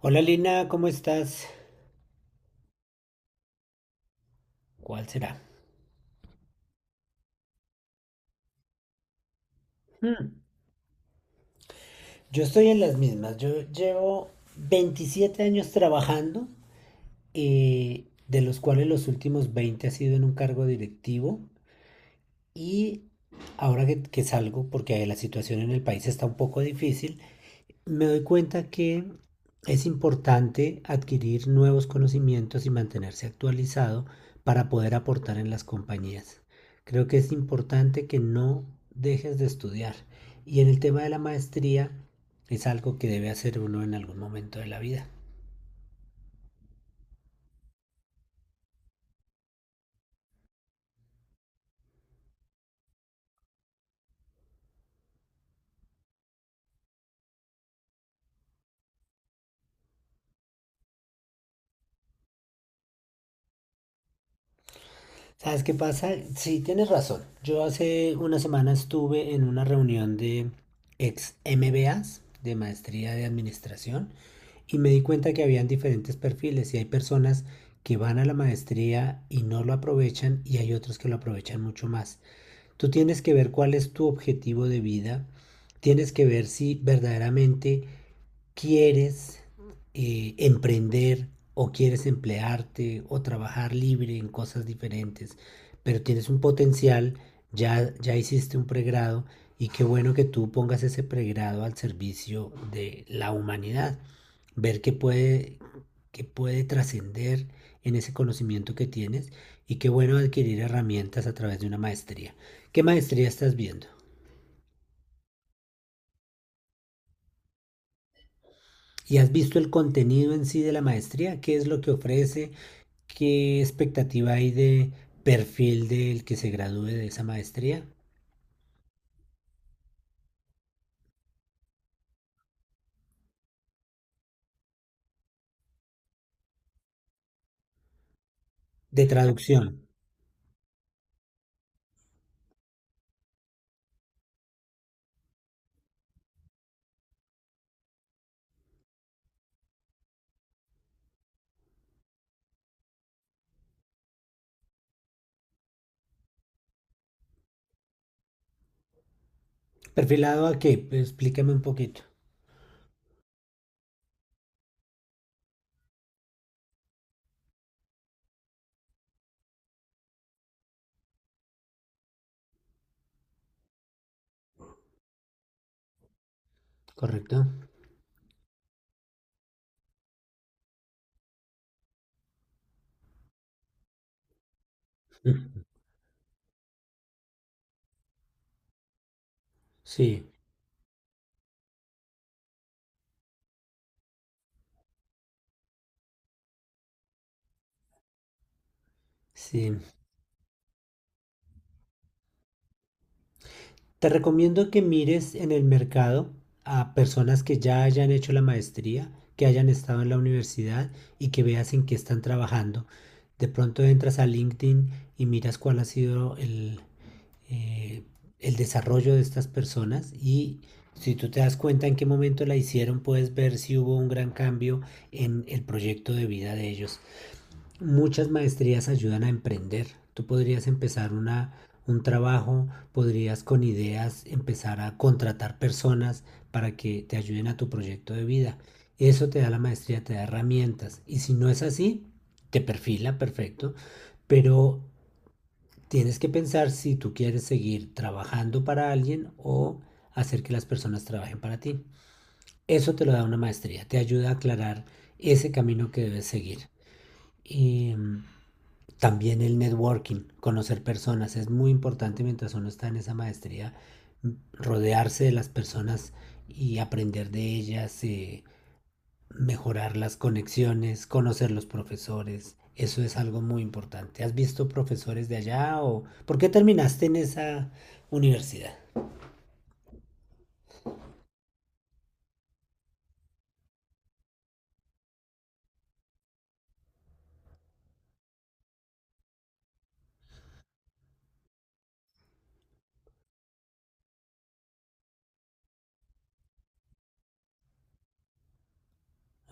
Hola Lina, ¿cómo estás? ¿Cuál será? Hmm. Yo estoy en las mismas. Yo llevo 27 años trabajando, de los cuales los últimos 20 ha sido en un cargo directivo. Y ahora que salgo, porque la situación en el país está un poco difícil, me doy cuenta que es importante adquirir nuevos conocimientos y mantenerse actualizado para poder aportar en las compañías. Creo que es importante que no dejes de estudiar. Y en el tema de la maestría es algo que debe hacer uno en algún momento de la vida. ¿Sabes qué pasa? Sí, tienes razón. Yo hace una semana estuve en una reunión de ex MBAs de maestría de administración, y me di cuenta que habían diferentes perfiles y hay personas que van a la maestría y no lo aprovechan y hay otros que lo aprovechan mucho más. Tú tienes que ver cuál es tu objetivo de vida, tienes que ver si verdaderamente quieres emprender o quieres emplearte o trabajar libre en cosas diferentes, pero tienes un potencial, ya, ya hiciste un pregrado y qué bueno que tú pongas ese pregrado al servicio de la humanidad, ver qué puede trascender en ese conocimiento que tienes y qué bueno adquirir herramientas a través de una maestría. ¿Qué maestría estás viendo? ¿Y has visto el contenido en sí de la maestría? ¿Qué es lo que ofrece? ¿Qué expectativa hay de perfil del que se gradúe de esa maestría? De traducción. ¿Perfilado a qué? Explícame un poquito. ¿Correcto? Sí, sí. Te recomiendo que mires en el mercado a personas que ya hayan hecho la maestría, que hayan estado en la universidad y que veas en qué están trabajando. De pronto entras a LinkedIn y miras cuál ha sido eh, el desarrollo de estas personas y si tú te das cuenta en qué momento la hicieron, puedes ver si hubo un gran cambio en el proyecto de vida de ellos. Muchas maestrías ayudan a emprender. Tú podrías empezar una, un trabajo, podrías con ideas empezar a contratar personas para que te ayuden a tu proyecto de vida. Eso te da la maestría, te da herramientas. Y si no es así, te perfila, perfecto. Pero tienes que pensar si tú quieres seguir trabajando para alguien o hacer que las personas trabajen para ti. Eso te lo da una maestría, te ayuda a aclarar ese camino que debes seguir. Y también el networking, conocer personas, es muy importante mientras uno está en esa maestría, rodearse de las personas y aprender de ellas, mejorar las conexiones, conocer los profesores. Eso es algo muy importante. ¿Has visto profesores de allá o por qué terminaste en esa universidad?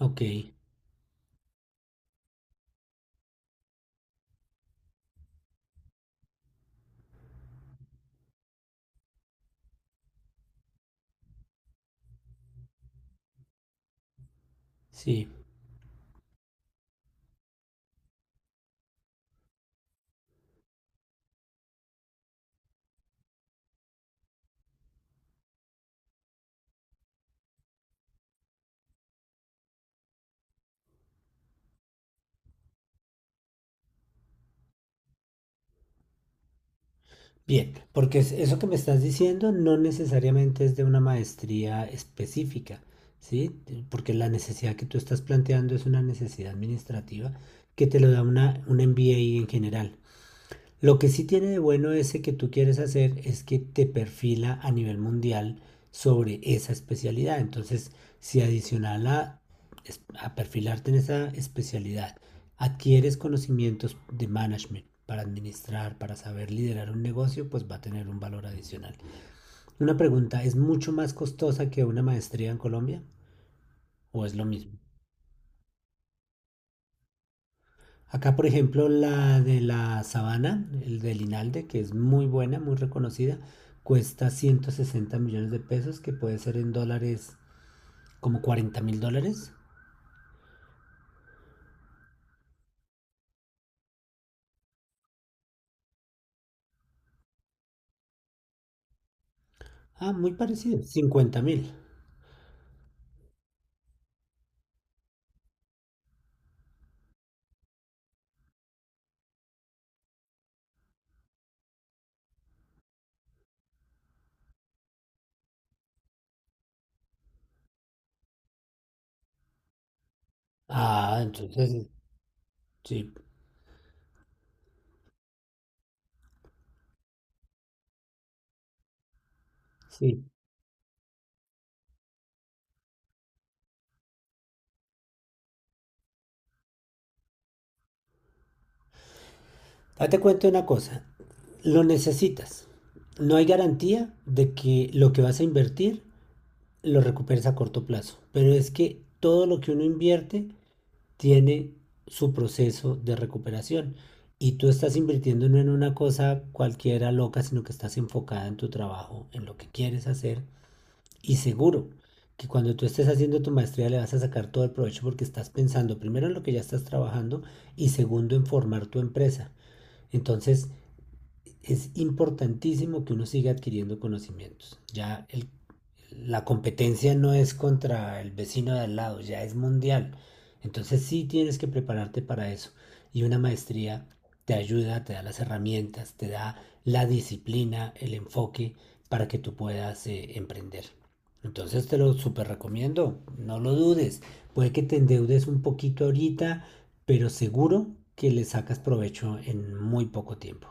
Ok, sí. Bien, porque es- eso que me estás diciendo no necesariamente es de una maestría específica, ¿sí? Porque la necesidad que tú estás planteando es una necesidad administrativa que te lo da un MBA en general. Lo que sí tiene de bueno ese que tú quieres hacer es que te perfila a nivel mundial sobre esa especialidad. Entonces, si adicional a perfilarte en esa especialidad, adquieres conocimientos de management para administrar, para saber liderar un negocio, pues va a tener un valor adicional. Una pregunta, ¿es mucho más costosa que una maestría en Colombia o es lo mismo? Acá, por ejemplo, la de la Sabana, el de Linalde, que es muy buena, muy reconocida, cuesta 160 millones de pesos, que puede ser en dólares como 40 mil dólares. Ah, muy parecido, 50 mil. Ah, entonces, sí, sí. Ah, te cuento una cosa, lo necesitas. No hay garantía de que lo que vas a invertir lo recuperes a corto plazo, pero es que todo lo que uno invierte tiene su proceso de recuperación y tú estás invirtiendo no en una cosa cualquiera loca, sino que estás enfocada en tu trabajo, en lo que quieres hacer y seguro que cuando tú estés haciendo tu maestría le vas a sacar todo el provecho porque estás pensando primero en lo que ya estás trabajando y segundo en formar tu empresa. Entonces es importantísimo que uno siga adquiriendo conocimientos. Ya el- la competencia no es contra el vecino de al lado, ya es mundial. Entonces sí tienes que prepararte para eso. Y una maestría te ayuda, te da las herramientas, te da la disciplina, el enfoque para que tú puedas emprender. Entonces te lo súper recomiendo, no lo dudes. Puede que te endeudes un poquito ahorita, pero seguro que le sacas provecho en muy poco tiempo.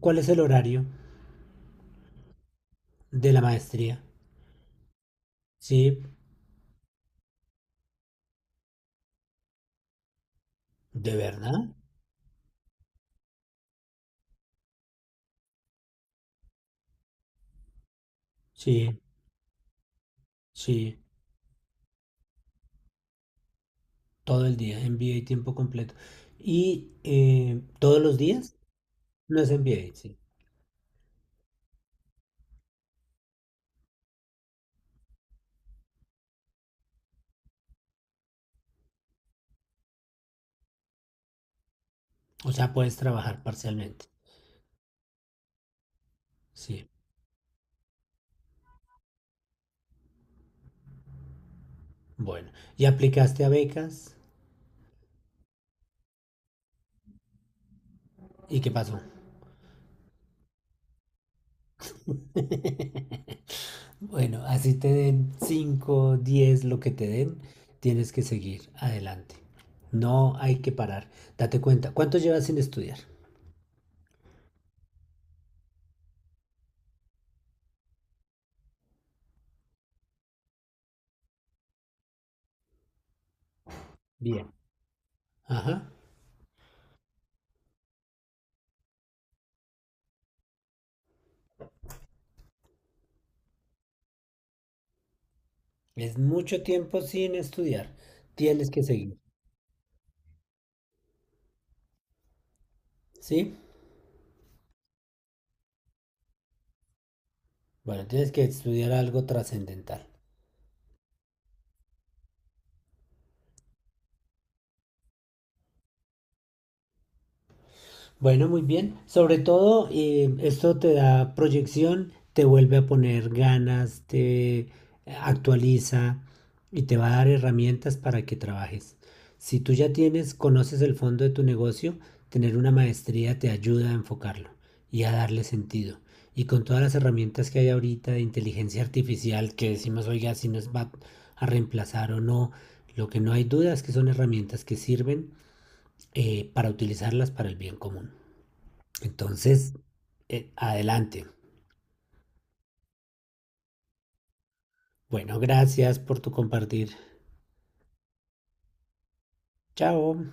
¿Cuál es el horario de la maestría? Sí, ¿de verdad? Sí, sí, todo el día, MBA tiempo completo. ¿Y todos los días? No es MBA, sí. O sea, puedes trabajar parcialmente. Sí, bueno. ¿Y aplicaste a becas? ¿Y qué pasó? Bueno, así te den 5, 10, lo que te den, tienes que seguir adelante. No hay que parar. Date cuenta. ¿Cuánto llevas sin estudiar? Bien. Ajá. Es mucho tiempo sin estudiar. Tienes que seguir, ¿sí? Bueno, tienes que estudiar algo trascendental. Bueno, muy bien. Sobre todo, esto te da proyección, te vuelve a poner ganas, te actualiza y te va a dar herramientas para que trabajes. Si tú ya tienes, conoces el fondo de tu negocio, tener una maestría te ayuda a enfocarlo y a darle sentido. Y con todas las herramientas que hay ahorita de inteligencia artificial, que decimos, oiga, si nos va a reemplazar o no, lo que no hay duda es que son herramientas que sirven para utilizarlas para el bien común. Entonces, adelante. Bueno, gracias por tu compartir. Chao.